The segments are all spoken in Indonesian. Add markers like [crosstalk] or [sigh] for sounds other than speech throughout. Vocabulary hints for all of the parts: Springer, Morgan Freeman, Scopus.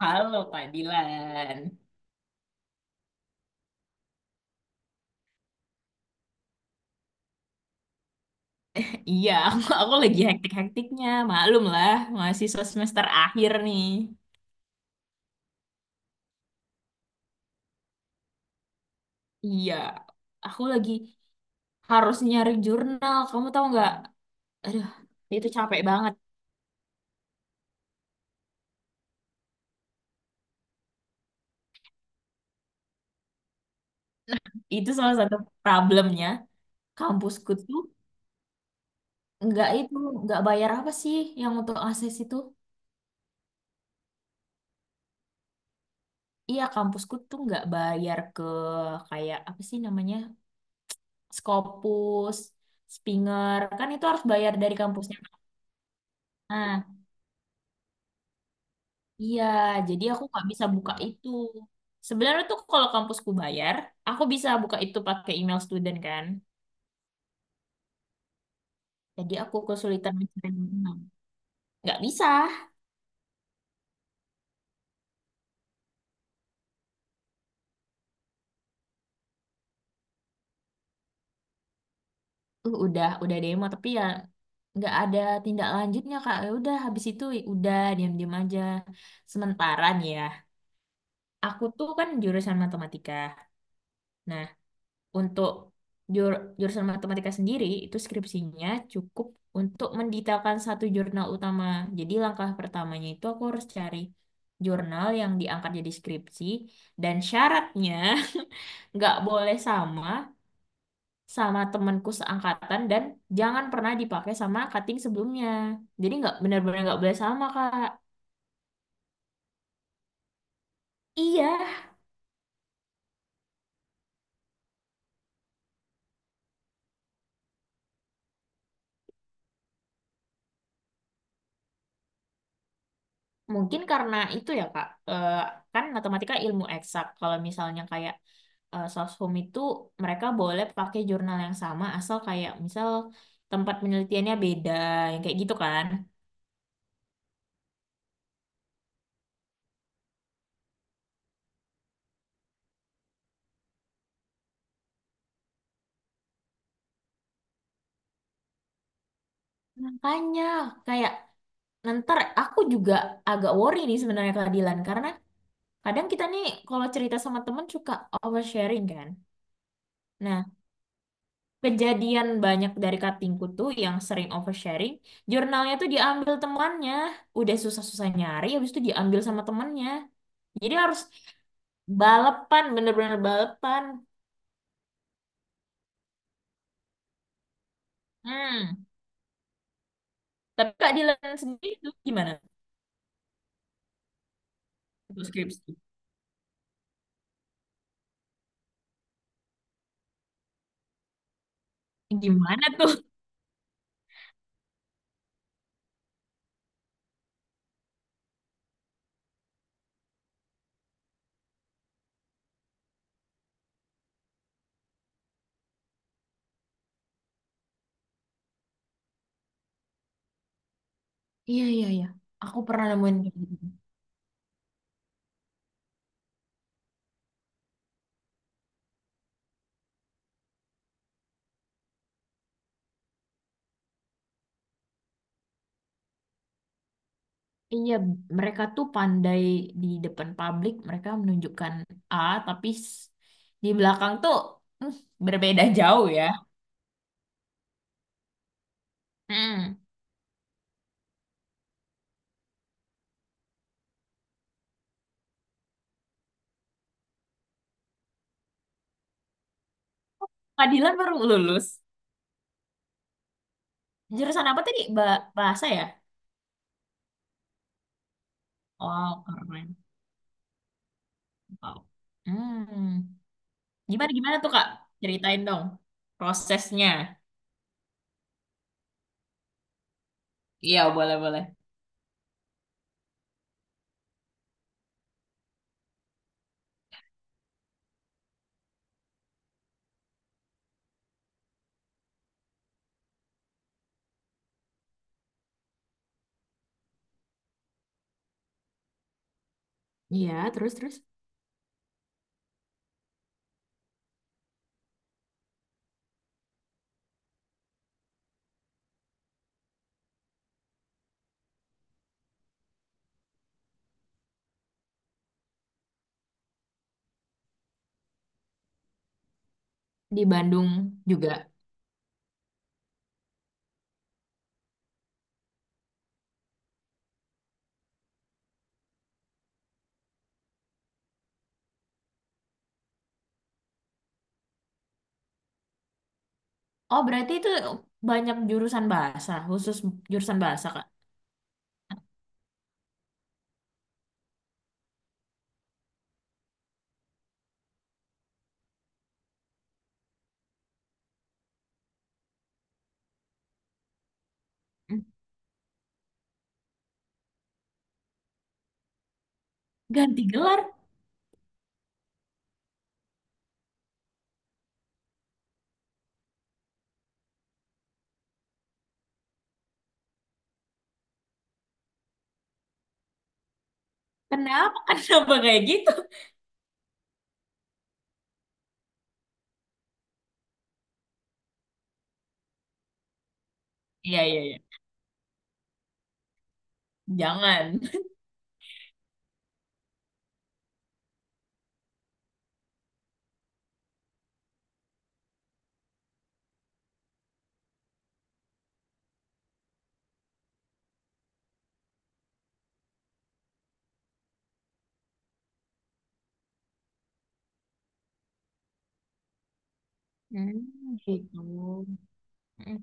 Halo Pak Dilan. Iya, aku lagi hektik-hektiknya. Maklum lah, mahasiswa semester akhir nih. Iya, aku lagi harus nyari jurnal. Kamu tahu nggak? Aduh, itu capek banget. Itu salah satu problemnya. Kampusku tuh nggak itu, nggak bayar apa sih yang untuk akses itu? Iya, kampusku tuh nggak bayar ke kayak apa sih namanya? Scopus, Springer. Kan itu harus bayar dari kampusnya. Nah, iya, jadi aku nggak bisa buka itu. Sebenarnya tuh kalau kampusku bayar, aku bisa buka itu pakai email student kan. Jadi aku kesulitan mencari email. Nggak bisa. Udah demo tapi ya nggak ada tindak lanjutnya Kak. Ya udah habis itu ya udah diam-diam aja. Sementara nih ya, aku tuh kan jurusan matematika. Nah, untuk jurusan matematika sendiri, itu skripsinya cukup untuk mendetailkan satu jurnal utama. Jadi langkah pertamanya itu aku harus cari jurnal yang diangkat jadi skripsi dan syaratnya [laughs] nggak boleh sama sama temanku seangkatan dan jangan pernah dipakai sama cutting sebelumnya. Jadi nggak benar-benar nggak boleh sama, Kak. Iya, mungkin karena itu ya Kak. Kan matematika ilmu eksak. Kalau misalnya kayak soshum itu mereka boleh pakai jurnal yang sama asal kayak misal tempat penelitiannya beda, yang kayak gitu kan. Makanya kayak ntar aku juga agak worry nih sebenarnya keadilan karena kadang kita nih kalau cerita sama temen suka oversharing kan. Nah, kejadian banyak dari katingku tuh yang sering oversharing, jurnalnya tuh diambil temannya. Udah susah-susah nyari, habis itu diambil sama temannya. Jadi harus balapan, bener-bener balapan. Hmm. Tapi Kak Dilan sendiri tuh gimana? Untuk skripsi. Gimana tuh? Iya, iya, iya. Aku pernah nemuin kayak gitu. Iya, mereka tuh pandai di depan publik, mereka menunjukkan A, tapi di belakang tuh hmm, berbeda jauh ya. Hmm. Kak baru lulus. Jurusan apa tadi? Bahasa ya? Oh, keren. Wow. Hmm. Gimana gimana tuh, Kak? Ceritain dong prosesnya. Iya, boleh-boleh. Iya, terus-terus. Di Bandung juga. Oh, berarti itu banyak jurusan bahasa, khusus jurusan bahasa, Kak. Hmm. Ganti gelar. Kenapa? [laughs] Kenapa kayak gitu? Iya, iya, iya. Jangan. Hmm, gitu. Hmm.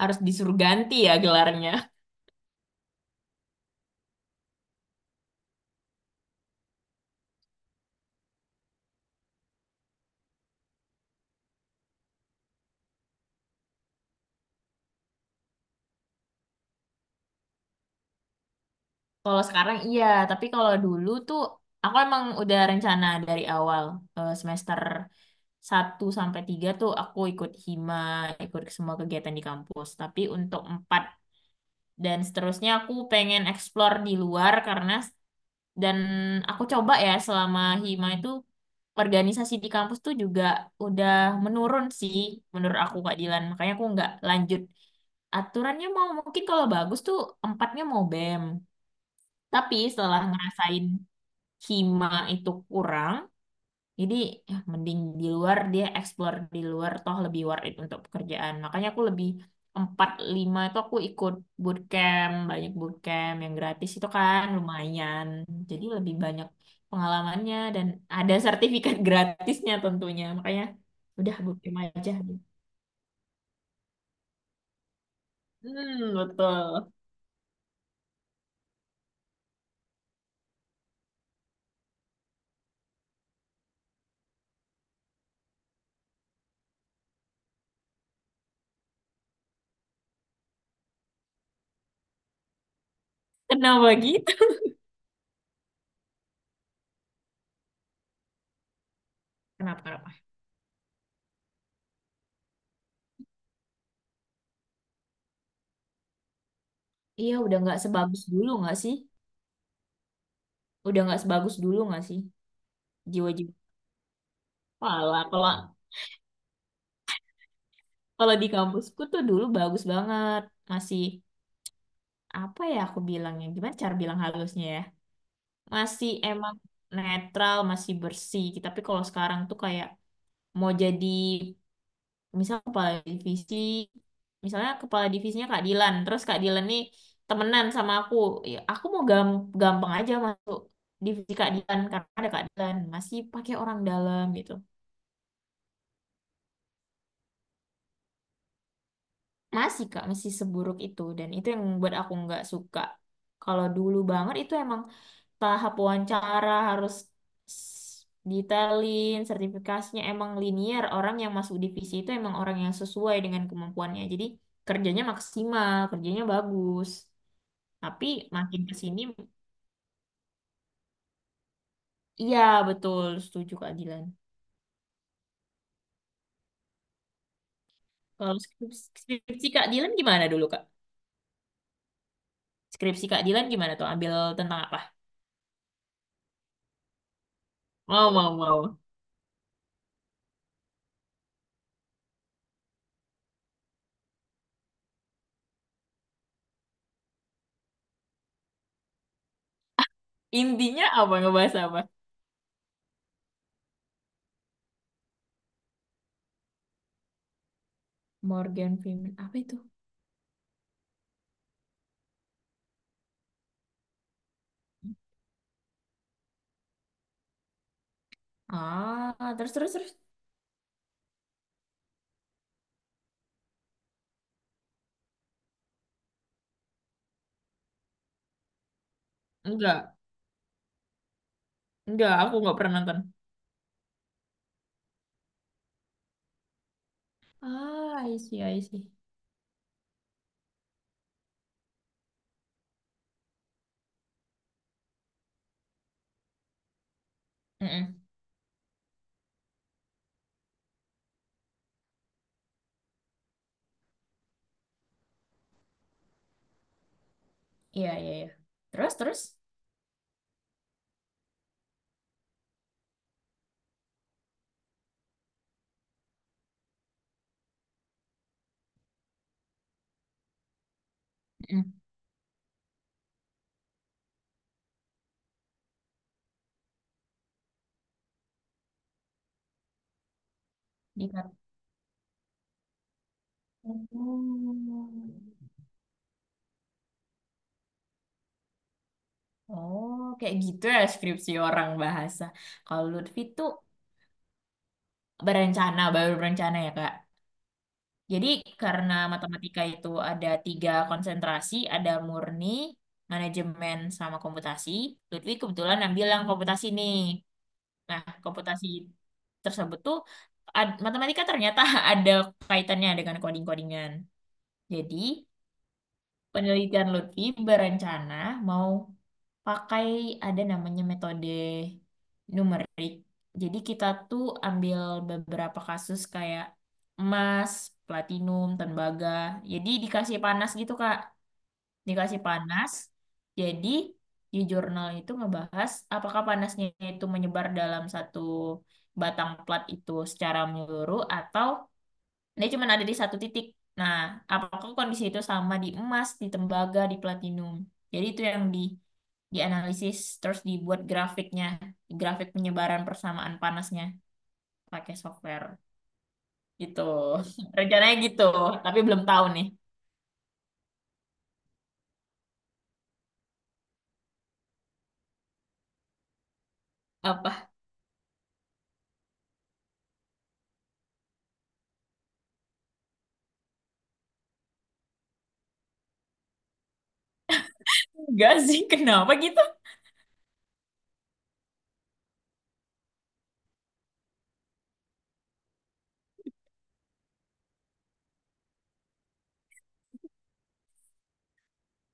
Harus disuruh ganti ya gelarnya. Kalau sekarang iya, tapi kalau dulu tuh aku emang udah rencana dari awal semester satu sampai 3 tuh aku ikut hima, ikut semua kegiatan di kampus. Tapi untuk 4 dan seterusnya aku pengen explore di luar karena dan aku coba ya selama hima itu organisasi di kampus tuh juga udah menurun sih menurut aku Kak Dilan. Makanya aku nggak lanjut. Aturannya mau mungkin kalau bagus tuh empatnya mau BEM. Tapi setelah ngerasain hima itu kurang, jadi ya, mending di luar dia explore di luar toh lebih worth it untuk pekerjaan. Makanya aku lebih 4 5 itu aku ikut bootcamp, banyak bootcamp yang gratis itu kan lumayan. Jadi lebih banyak pengalamannya dan ada sertifikat [laughs] gratisnya tentunya. Makanya udah bootcamp aja. Hmm, betul. Kenapa gitu? Kenapa? Iya, udah nggak sebagus dulu nggak sih? Udah nggak sebagus dulu nggak sih? Jiwa-jiwa. Malah kalau kalau di kampusku tuh dulu bagus banget. Masih apa ya aku bilangnya? Gimana cara bilang halusnya ya? Masih emang netral, masih bersih. Tapi kalau sekarang tuh kayak mau jadi misal kepala divisi, misalnya kepala divisinya Kak Dilan, terus Kak Dilan nih temenan sama aku. Ya, aku mau gampang aja masuk divisi Kak Dilan karena ada Kak Dilan, masih pakai orang dalam gitu. Masih Kak, masih seburuk itu dan itu yang buat aku nggak suka. Kalau dulu banget itu emang tahap wawancara harus s- detailin, sertifikasinya emang linear. Orang yang masuk divisi itu emang orang yang sesuai dengan kemampuannya. Jadi kerjanya maksimal, kerjanya bagus. Tapi makin ke sini, iya betul, setuju Kak Dilan. Kalau skripsi Kak Dilan gimana dulu Kak? Skripsi Kak Dilan gimana tuh? Ambil tentang apa? Mau, mau, mau. Intinya apa? Ngebahas apa? Morgan Freeman apa itu? Ah, terus terus terus. Enggak, enggak, aku nggak pernah nonton. Ah, I see, I see. Mm-mm. Iya, iya, iya. Terus terus. Mm. Dikat- Oh, oh, kayak gitu ya skripsi orang bahasa. Kalau Lutfi tuh berencana, baru berencana ya, Kak. Jadi karena matematika itu ada tiga konsentrasi, ada murni, manajemen, sama komputasi. Lutfi kebetulan ambil yang komputasi nih. Nah, komputasi tersebut tuh matematika ternyata [laughs] ada kaitannya dengan coding-codingan. Jadi, penelitian Lutfi berencana mau pakai ada namanya metode numerik. Jadi, kita tuh ambil beberapa kasus kayak emas, platinum, tembaga. Jadi, dikasih panas gitu, Kak, dikasih panas. Jadi di jurnal itu ngebahas apakah panasnya itu menyebar dalam satu batang plat itu secara menyeluruh atau dia cuma ada di satu titik. Nah, apakah kondisi itu sama di emas, di tembaga, di platinum? Jadi itu yang dianalisis terus dibuat grafiknya, grafik penyebaran persamaan panasnya pakai software. Gitu. [laughs] Rencananya gitu, tapi belum tahu nih. Apa? Enggak sih, kenapa gitu?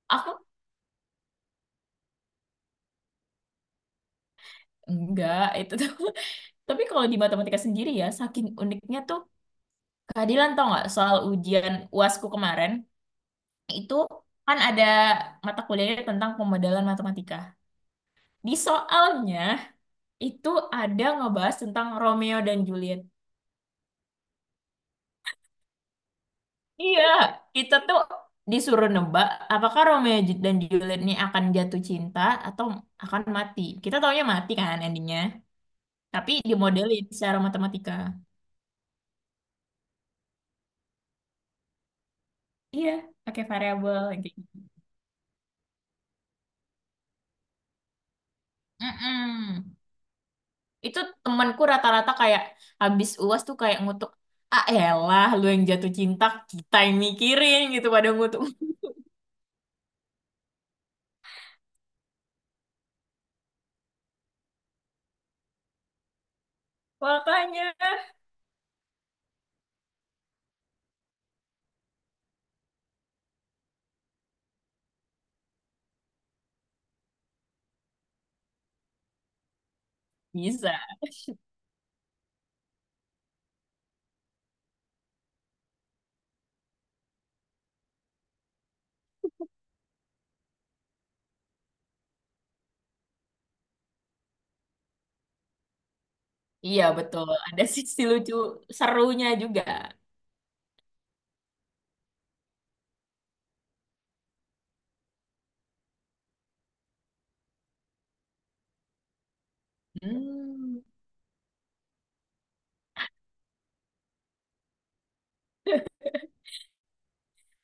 Aku Enggak, itu tuh. [laughs] Tapi kalau di matematika sendiri ya, saking uniknya tuh keadilan tau nggak soal ujian UASku kemarin itu kan ada mata kuliahnya tentang pemodelan matematika. Di soalnya itu ada ngebahas tentang Romeo dan Juliet. Iya, kita tuh disuruh nebak apakah Romeo dan Juliet ini akan jatuh cinta atau akan mati. Kita taunya mati kan endingnya, tapi dimodelin secara matematika. Iya, pakai variabel kayak gitu. Mm-mm. Itu temanku rata-rata kayak habis UAS tuh kayak ngutuk, ah elah lu yang jatuh cinta, kita yang mikirin gitu pada ngutuk. [laughs] Makanya bisa. Iya betul, ada sisi lucu serunya juga. Hmm.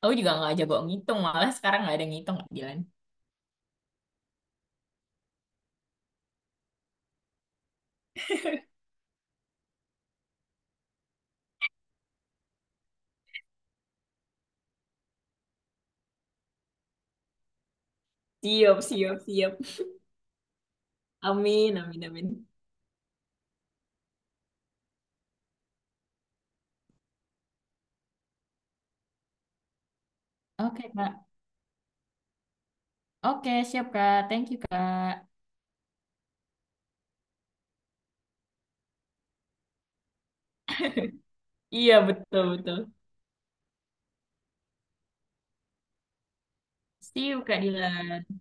Aku juga nggak jago ngitung, malah sekarang nggak ada ngitung, Kak Dilan. Siap, siap, siap. Amin, amin, amin. Oke, Kak. Oke, siap, Kak. Thank you, Kak. Iya, betul, betul. See you, Kak Dilan.